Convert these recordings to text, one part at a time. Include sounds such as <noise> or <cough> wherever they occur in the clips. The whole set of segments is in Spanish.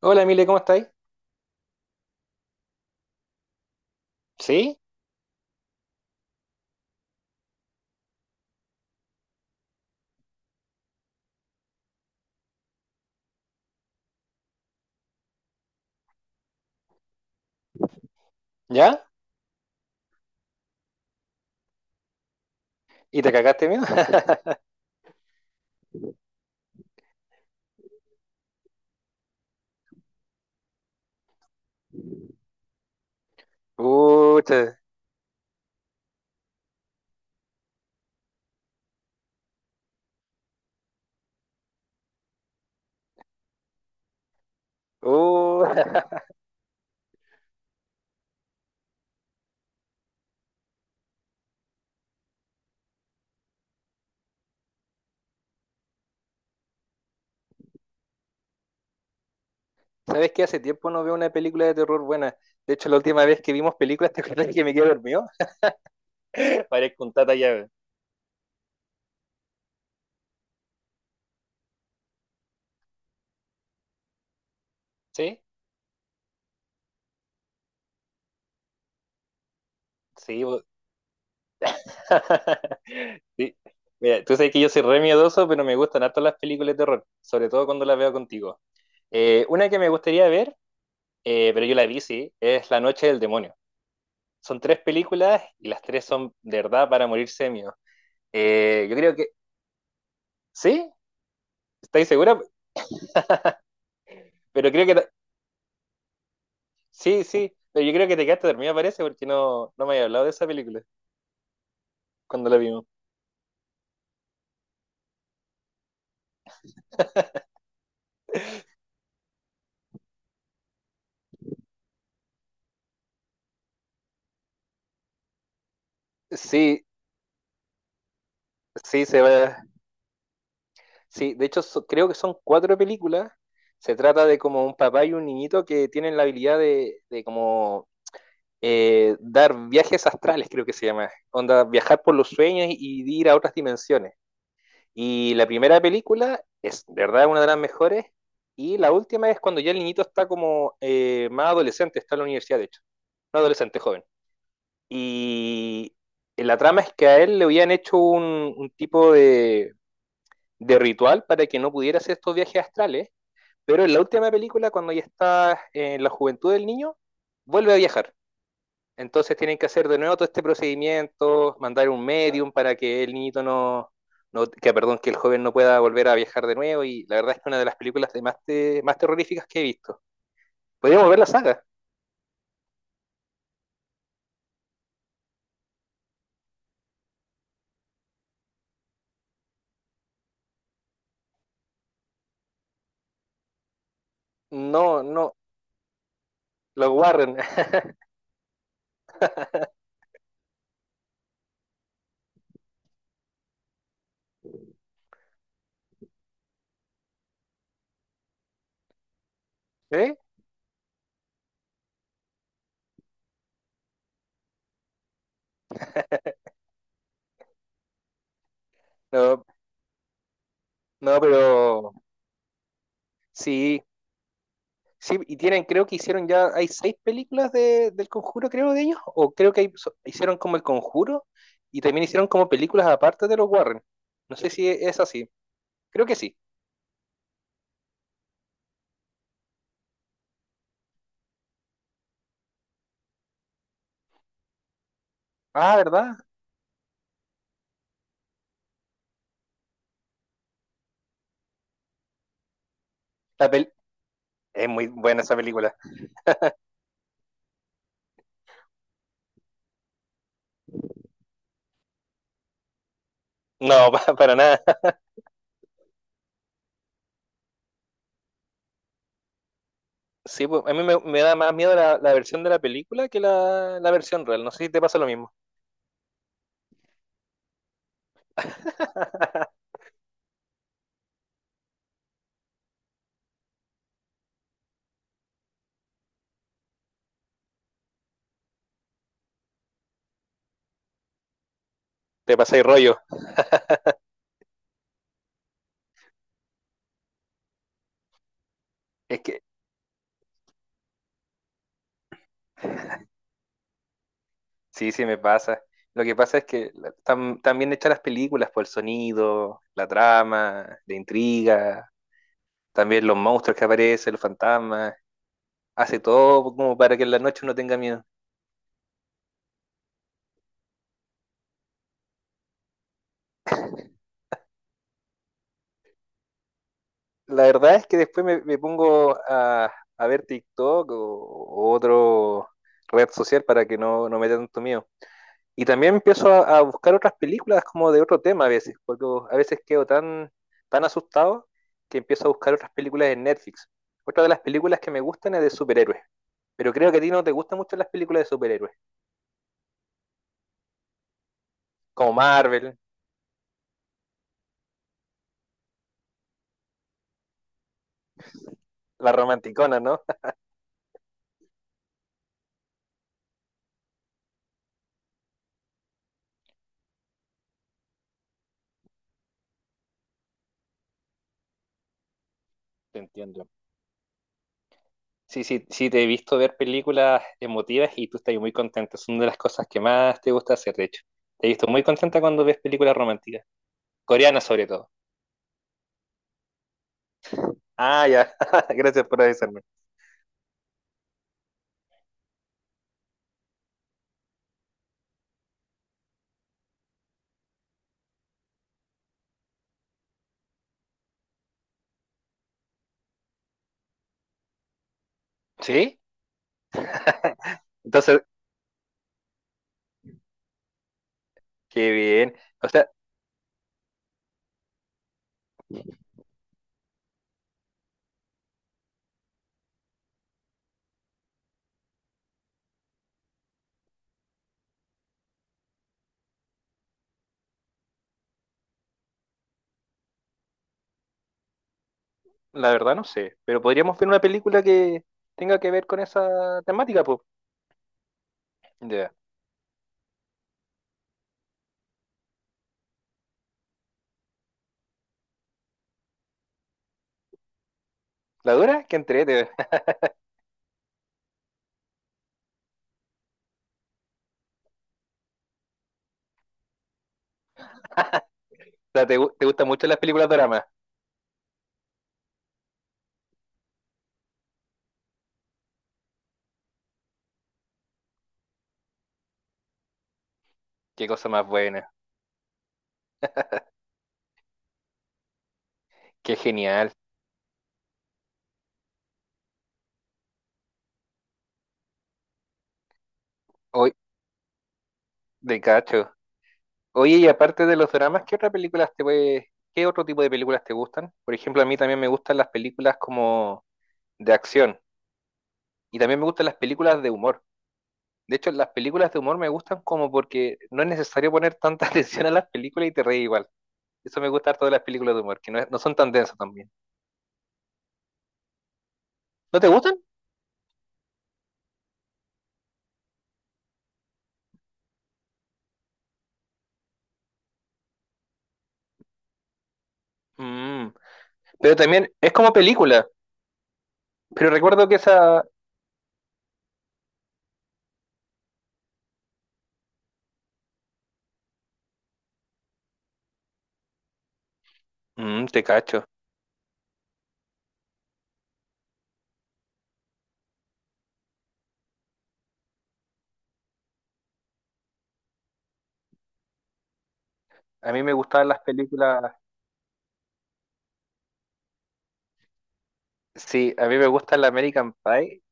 Hola, Emile, ¿cómo estáis? ¿Sí? ¿Ya? ¿Y te cagaste miedo? <laughs> Pucha, uh. <laughs> ¿Sabes que hace tiempo no veo una película de terror buena? De hecho, la última vez que vimos películas, <laughs> ¿te acuerdas que me quedé dormido? <laughs> Parezco un tata llave. ¿Sí? Sí, po. <laughs> Sí. Mira, tú sabes que yo soy re miedoso, pero me gustan harto las películas de terror, sobre todo cuando las veo contigo. Una que me gustaría ver, pero yo la vi, sí, es La Noche del Demonio. Son tres películas y las tres son de verdad para morirse de miedo. Yo creo que. ¿Sí? ¿Estáis segura? Pero creo que. Ta- Sí, sí. Pero yo creo que te quedaste dormida, parece, porque no me había hablado de esa película cuando la vimos. Sí, sí, se va. Sí, de hecho, so- creo que son cuatro películas. Se trata de como un papá y un niñito que tienen la habilidad de como dar viajes astrales, creo que se llama. Onda, viajar por los sueños y ir a otras dimensiones. Y la primera película es, de verdad, una de las mejores. Y la última es cuando ya el niñito está como más adolescente, está en la universidad, de hecho. Un adolescente joven. Y la trama es que a él le habían hecho un tipo de ritual para que no pudiera hacer estos viajes astrales. Pero en la última película, cuando ya está en la juventud del niño, vuelve a viajar. Entonces tienen que hacer de nuevo todo este procedimiento, mandar un medium para que el niñito no- que perdón, que el joven no pueda volver a viajar de nuevo. Y la verdad es que una de las películas de más, te- más terroríficas que he visto. Podríamos ver la saga. No, no, los Warren, <laughs> ¿eh? No, no, pero sí, sí, y tienen, creo que hicieron ya, hay seis películas de, del Conjuro, creo, de ellos, o creo que hay- so- hicieron como el Conjuro y también hicieron como películas aparte de los Warren. No sé si es así. Creo que sí. Ah, ¿verdad? La pel- Es muy buena esa película. No, <laughs> pa- para nada. Sí, pues, a mí me, me da más miedo la, la versión de la película que la versión real. No sé si te pasa lo mismo. Te pasa el rollo. Es que sí, sí me pasa. Lo que pasa es que la- están, están bien hechas las películas por el sonido, la trama, la intriga, también los monstruos que aparecen, los fantasmas. Hace todo como para que en la noche uno tenga miedo. La verdad es que después me, me pongo a ver TikTok o otro red social para que no, no me dé tanto miedo. Y también empiezo a buscar otras películas como de otro tema a veces, porque a veces quedo tan, tan asustado que empiezo a buscar otras películas en Netflix. Otra de las películas que me gustan es de superhéroes, pero creo que a ti no te gustan mucho las películas de superhéroes, como Marvel, las romanticonas, ¿no? <laughs> Te entiendo. Sí, sí, sí, te he visto ver películas emotivas y tú estás muy contenta. Es una de las cosas que más te gusta hacer, de hecho. Te he visto muy contenta cuando ves películas románticas, coreanas sobre todo. Ah, ya. <laughs> Gracias por avisarme. ¿Sí? Entonces, qué bien. O sea, la verdad no sé, pero podríamos ver una película que tenga que ver con esa temática, pues. Ya. La dura, que entrete. <laughs> O sea, te, gu- te gustan mucho las películas dramas. Qué cosa más buena. Qué genial. Hoy, de cacho. Oye, y aparte de los dramas, ¿qué otras películas te puede- qué otro tipo de películas te gustan? Por ejemplo, a mí también me gustan las películas como de acción. Y también me gustan las películas de humor. De hecho, las películas de humor me gustan como porque no es necesario poner tanta <laughs> atención a las películas y te reí igual. Eso me gusta harto de las películas de humor, que no, es- no son tan densas también. ¿No te gustan? Mm, pero también es como película. Pero recuerdo que esa... Mm, te cacho. A mí me gustaban las películas... Sí, a mí me gusta la American Pie.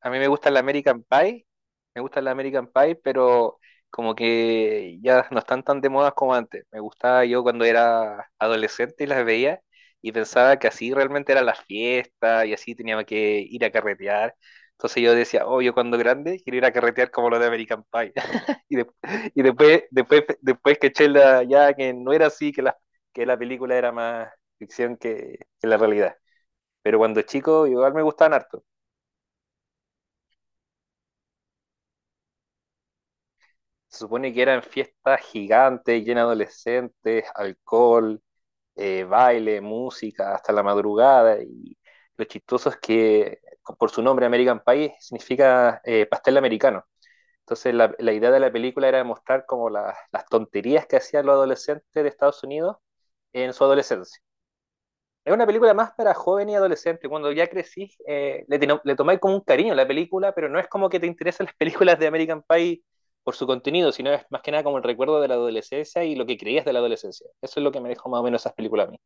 A mí me gusta la American Pie, me gusta la American Pie, pero como que ya no están tan de moda como antes. Me gustaba yo cuando era adolescente y las veía y pensaba que así realmente era la fiesta y así tenía que ir a carretear. Entonces yo decía, oh, yo cuando grande quiero ir a carretear como los de American Pie. <laughs> Y, de- y después, después, después que eché la- ya que no era así, que la película era más ficción que la realidad. Pero cuando chico igual me gustaban harto. Se supone que eran fiestas gigantes, llenas de adolescentes, alcohol, baile, música, hasta la madrugada. Y lo chistoso es que, por su nombre, American Pie significa pastel americano. Entonces, la, idea de la película era mostrar como la, las tonterías que hacían los adolescentes de Estados Unidos en su adolescencia es una película más para joven y adolescente. Cuando ya crecís, le, teno- le tomáis como un cariño a la película, pero no es como que te interesan las <laughs> películas de American Pie por su contenido, sino es más que nada como el recuerdo de la adolescencia y lo que creías de la adolescencia. Eso es lo que me dejó más o menos esas películas a mí.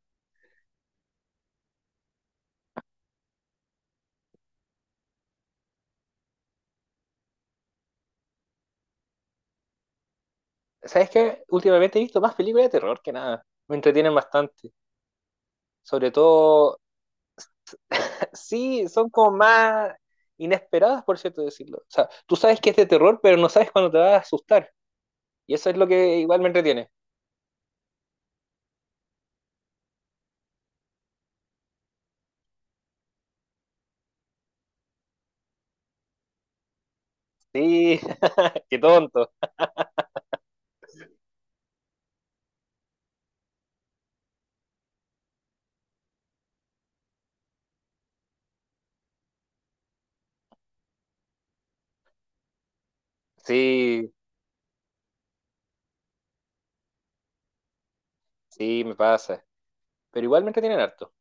¿Sabes qué? Últimamente he visto más películas de terror que nada. Me entretienen bastante. Sobre todo, <laughs> sí, son como más inesperadas, por cierto decirlo. O sea, tú sabes que es de terror, pero no sabes cuándo te va a asustar. Y eso es lo que igual me entretiene. Sí, <laughs> qué tonto. Sí, sí, me pasa. Pero igual me entretienen harto.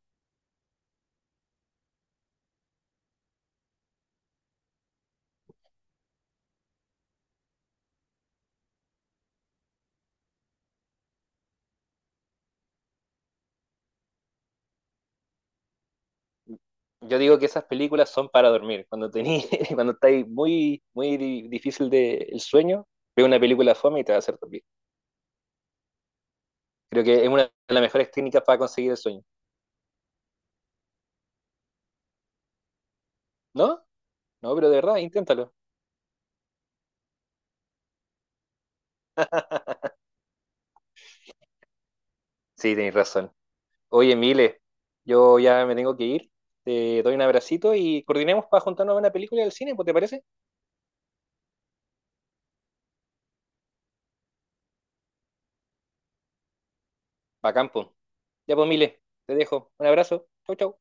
Yo digo que esas películas son para dormir. Cuando tení, <laughs> cuando estáis muy, muy di- difícil de, el sueño, ve una película fome y te va a hacer dormir. Creo que es una de las mejores técnicas para conseguir el sueño. ¿No? No, pero de verdad, inténtalo. Sí, tenéis razón. Oye, Mile, yo ya me tengo que ir. Te doy un abracito y coordinemos para juntarnos a una película del cine, pues, ¿te parece? Pa' campo. Ya pues, Mile, te dejo. Un abrazo. Chau, chau.